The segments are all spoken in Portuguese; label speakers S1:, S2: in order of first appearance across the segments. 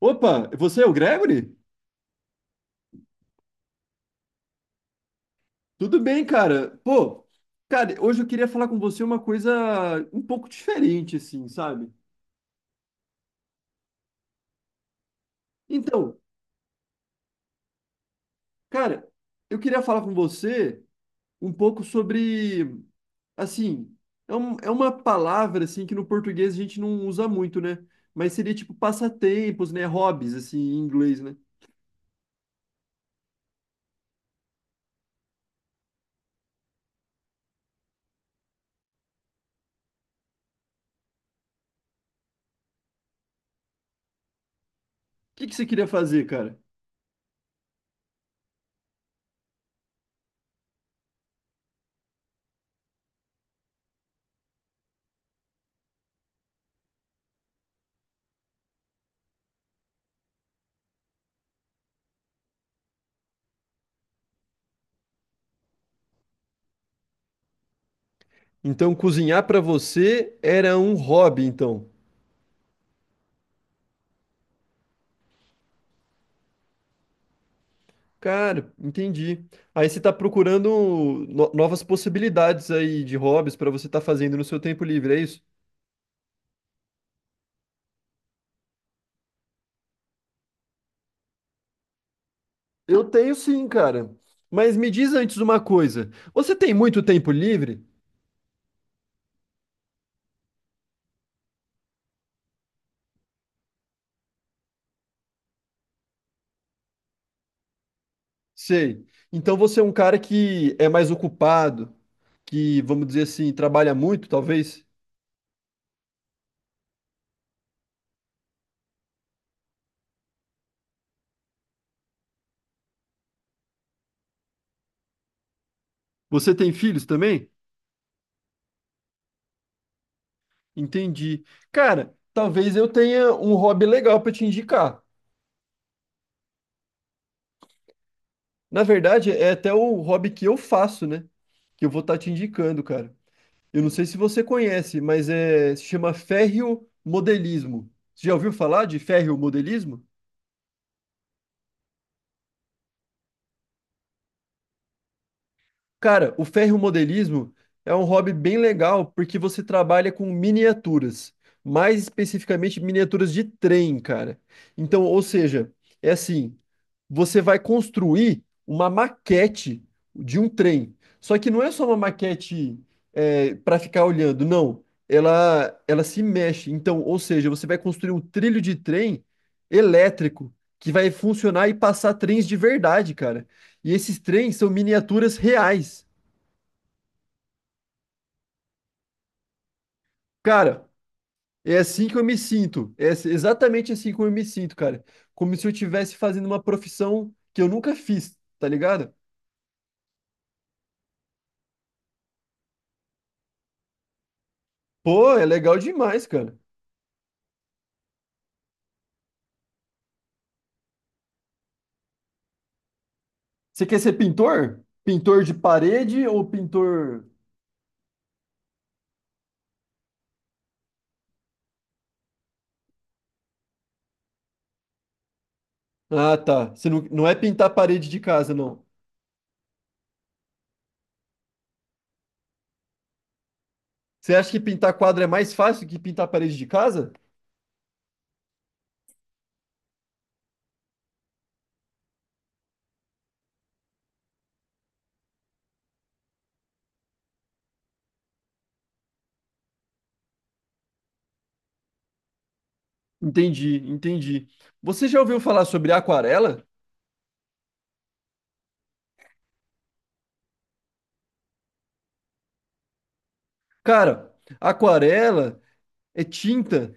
S1: Opa, você é o Gregory? Tudo bem, cara? Pô, cara, hoje eu queria falar com você uma coisa um pouco diferente, assim, sabe? Então, cara, eu queria falar com você um pouco sobre, assim, é uma palavra, assim, que no português a gente não usa muito, né? Mas seria tipo passatempos, né? Hobbies, assim, em inglês, né? O que que você queria fazer, cara? Então, cozinhar pra você era um hobby, então. Cara, entendi. Aí você tá procurando novas possibilidades aí de hobbies pra você estar fazendo no seu tempo livre, é isso? Eu tenho sim, cara. Mas me diz antes uma coisa. Você tem muito tempo livre? Sei. Então você é um cara que é mais ocupado, que, vamos dizer assim, trabalha muito, talvez? Você tem filhos também? Entendi. Cara, talvez eu tenha um hobby legal pra te indicar. Na verdade, é até o hobby que eu faço, né? Que eu vou estar te indicando, cara. Eu não sei se você conhece, mas se chama ferriomodelismo. Você já ouviu falar de ferriomodelismo? Cara, o ferromodelismo é um hobby bem legal porque você trabalha com miniaturas, mais especificamente miniaturas de trem, cara. Então, ou seja, é assim, você vai construir uma maquete de um trem. Só que não é só uma maquete para ficar olhando, não. Ela se mexe. Então, ou seja, você vai construir um trilho de trem elétrico que vai funcionar e passar trens de verdade, cara. E esses trens são miniaturas reais. Cara, é assim que eu me sinto. Exatamente assim como eu me sinto, cara. Como se eu estivesse fazendo uma profissão que eu nunca fiz, tá ligado? Pô, é legal demais, cara. Você quer ser pintor? Pintor de parede ou pintor. Ah, tá. Você não é pintar parede de casa, não. Você acha que pintar quadro é mais fácil que pintar parede de casa? Entendi, entendi. Você já ouviu falar sobre aquarela? Cara, aquarela é tinta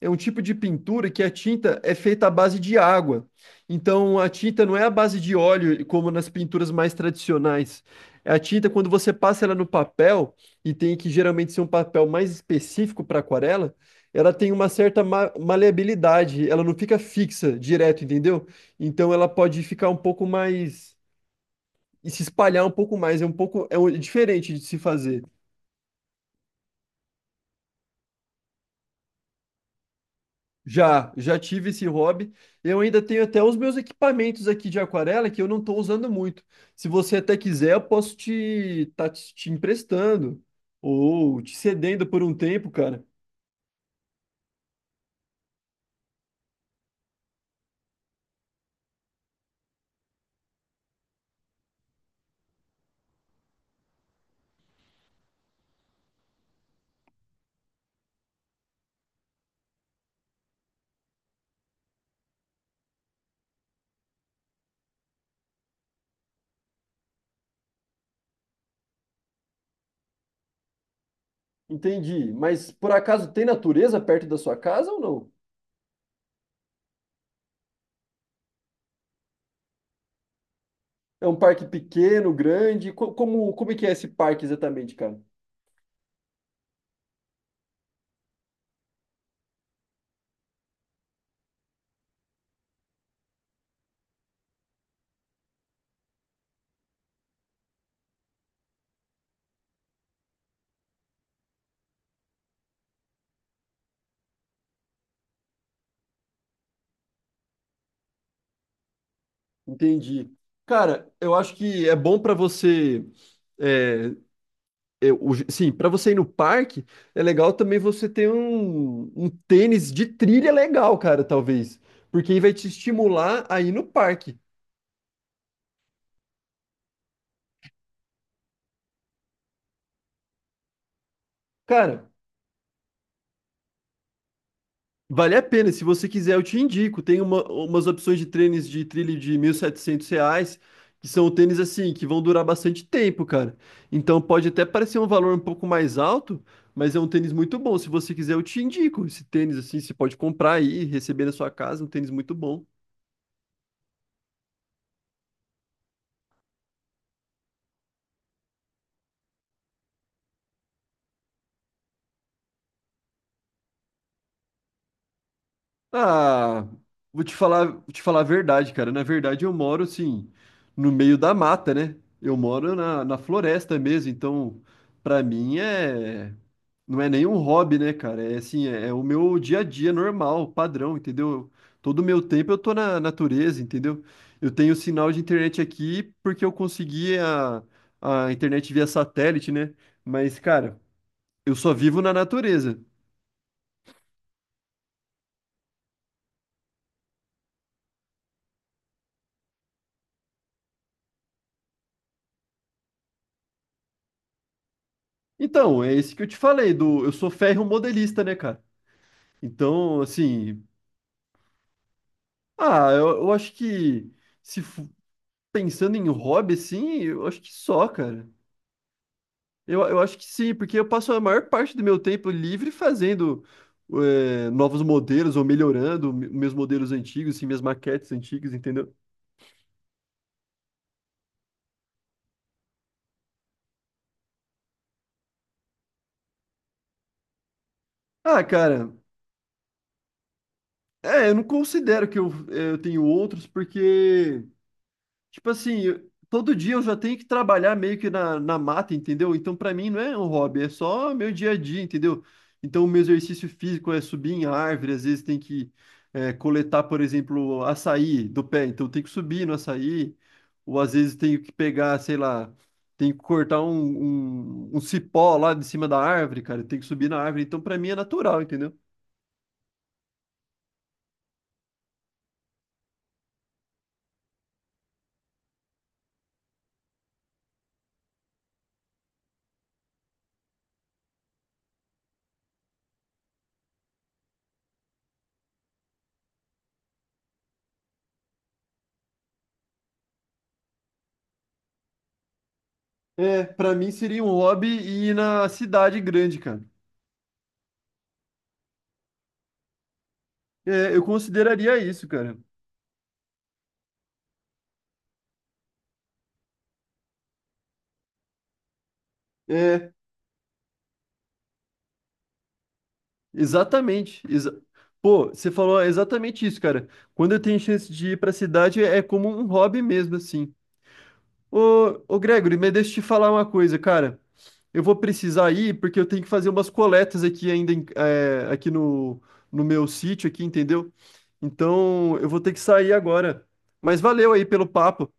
S1: é um tipo de pintura que a tinta é feita à base de água. Então a tinta não é à base de óleo, como nas pinturas mais tradicionais. A tinta, quando você passa ela no papel, e tem que geralmente ser um papel mais específico para aquarela, ela tem uma certa maleabilidade, ela não fica fixa direto, entendeu? Então ela pode ficar um pouco mais, e se espalhar um pouco mais, é um pouco, é diferente de se fazer. Já, já tive esse hobby. Eu ainda tenho até os meus equipamentos aqui de aquarela que eu não estou usando muito. Se você até quiser, eu posso te emprestando ou te cedendo por um tempo, cara. Entendi. Mas por acaso tem natureza perto da sua casa ou não? É um parque pequeno, grande? Como, como é que é esse parque exatamente, cara? Entendi. Cara, eu acho que é bom para você é, sim, para você ir no parque, é legal também você ter um tênis de trilha legal, cara, talvez. Porque aí vai te estimular a ir no parque. Cara, vale a pena. Se você quiser, eu te indico. Tem umas opções de tênis de trilha de R$ 1.700, que são tênis assim, que vão durar bastante tempo, cara. Então pode até parecer um valor um pouco mais alto, mas é um tênis muito bom. Se você quiser, eu te indico. Esse tênis assim, você pode comprar aí, receber na sua casa, um tênis muito bom. Ah, vou te falar a verdade, cara. Na verdade, eu moro assim, no meio da mata, né? Eu moro na, na floresta mesmo, então pra mim é não é nenhum hobby, né, cara? É assim, é, é o meu dia a dia normal, padrão, entendeu? Todo o meu tempo eu tô na natureza, entendeu? Eu tenho sinal de internet aqui porque eu consegui a internet via satélite, né? Mas, cara, eu só vivo na natureza. Então, é esse que eu te falei, do eu sou ferro modelista, né, cara? Então, assim, ah, eu acho que se fu- pensando em hobby, assim, eu acho que só, cara. Eu acho que sim, porque eu passo a maior parte do meu tempo livre fazendo é, novos modelos ou melhorando meus modelos antigos, assim, minhas maquetes antigas, entendeu? Ah, cara, é, eu não considero que eu tenho outros, porque tipo assim, todo dia eu já tenho que trabalhar meio que na, na mata, entendeu? Então, pra mim, não é um hobby, é só meu dia a dia, entendeu? Então, o meu exercício físico é subir em árvore, às vezes tem que é, coletar, por exemplo, açaí do pé, então tem que subir no açaí, ou às vezes tenho que pegar, sei lá, tenho que cortar um cipó lá de cima da árvore, cara, tem que subir na árvore, então pra mim é natural, entendeu? É, pra mim seria um hobby ir na cidade grande, cara. É, eu consideraria isso, cara. É, exatamente. Pô, você falou exatamente isso, cara. Quando eu tenho chance de ir pra cidade, é como um hobby mesmo, assim. Ô Gregory, mas deixa eu te falar uma coisa, cara. Eu vou precisar ir porque eu tenho que fazer umas coletas aqui ainda, aqui no, no meu sítio aqui, entendeu? Então, eu vou ter que sair agora. Mas valeu aí pelo papo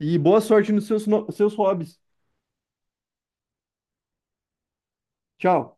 S1: e boa sorte nos seus, seus hobbies. Tchau.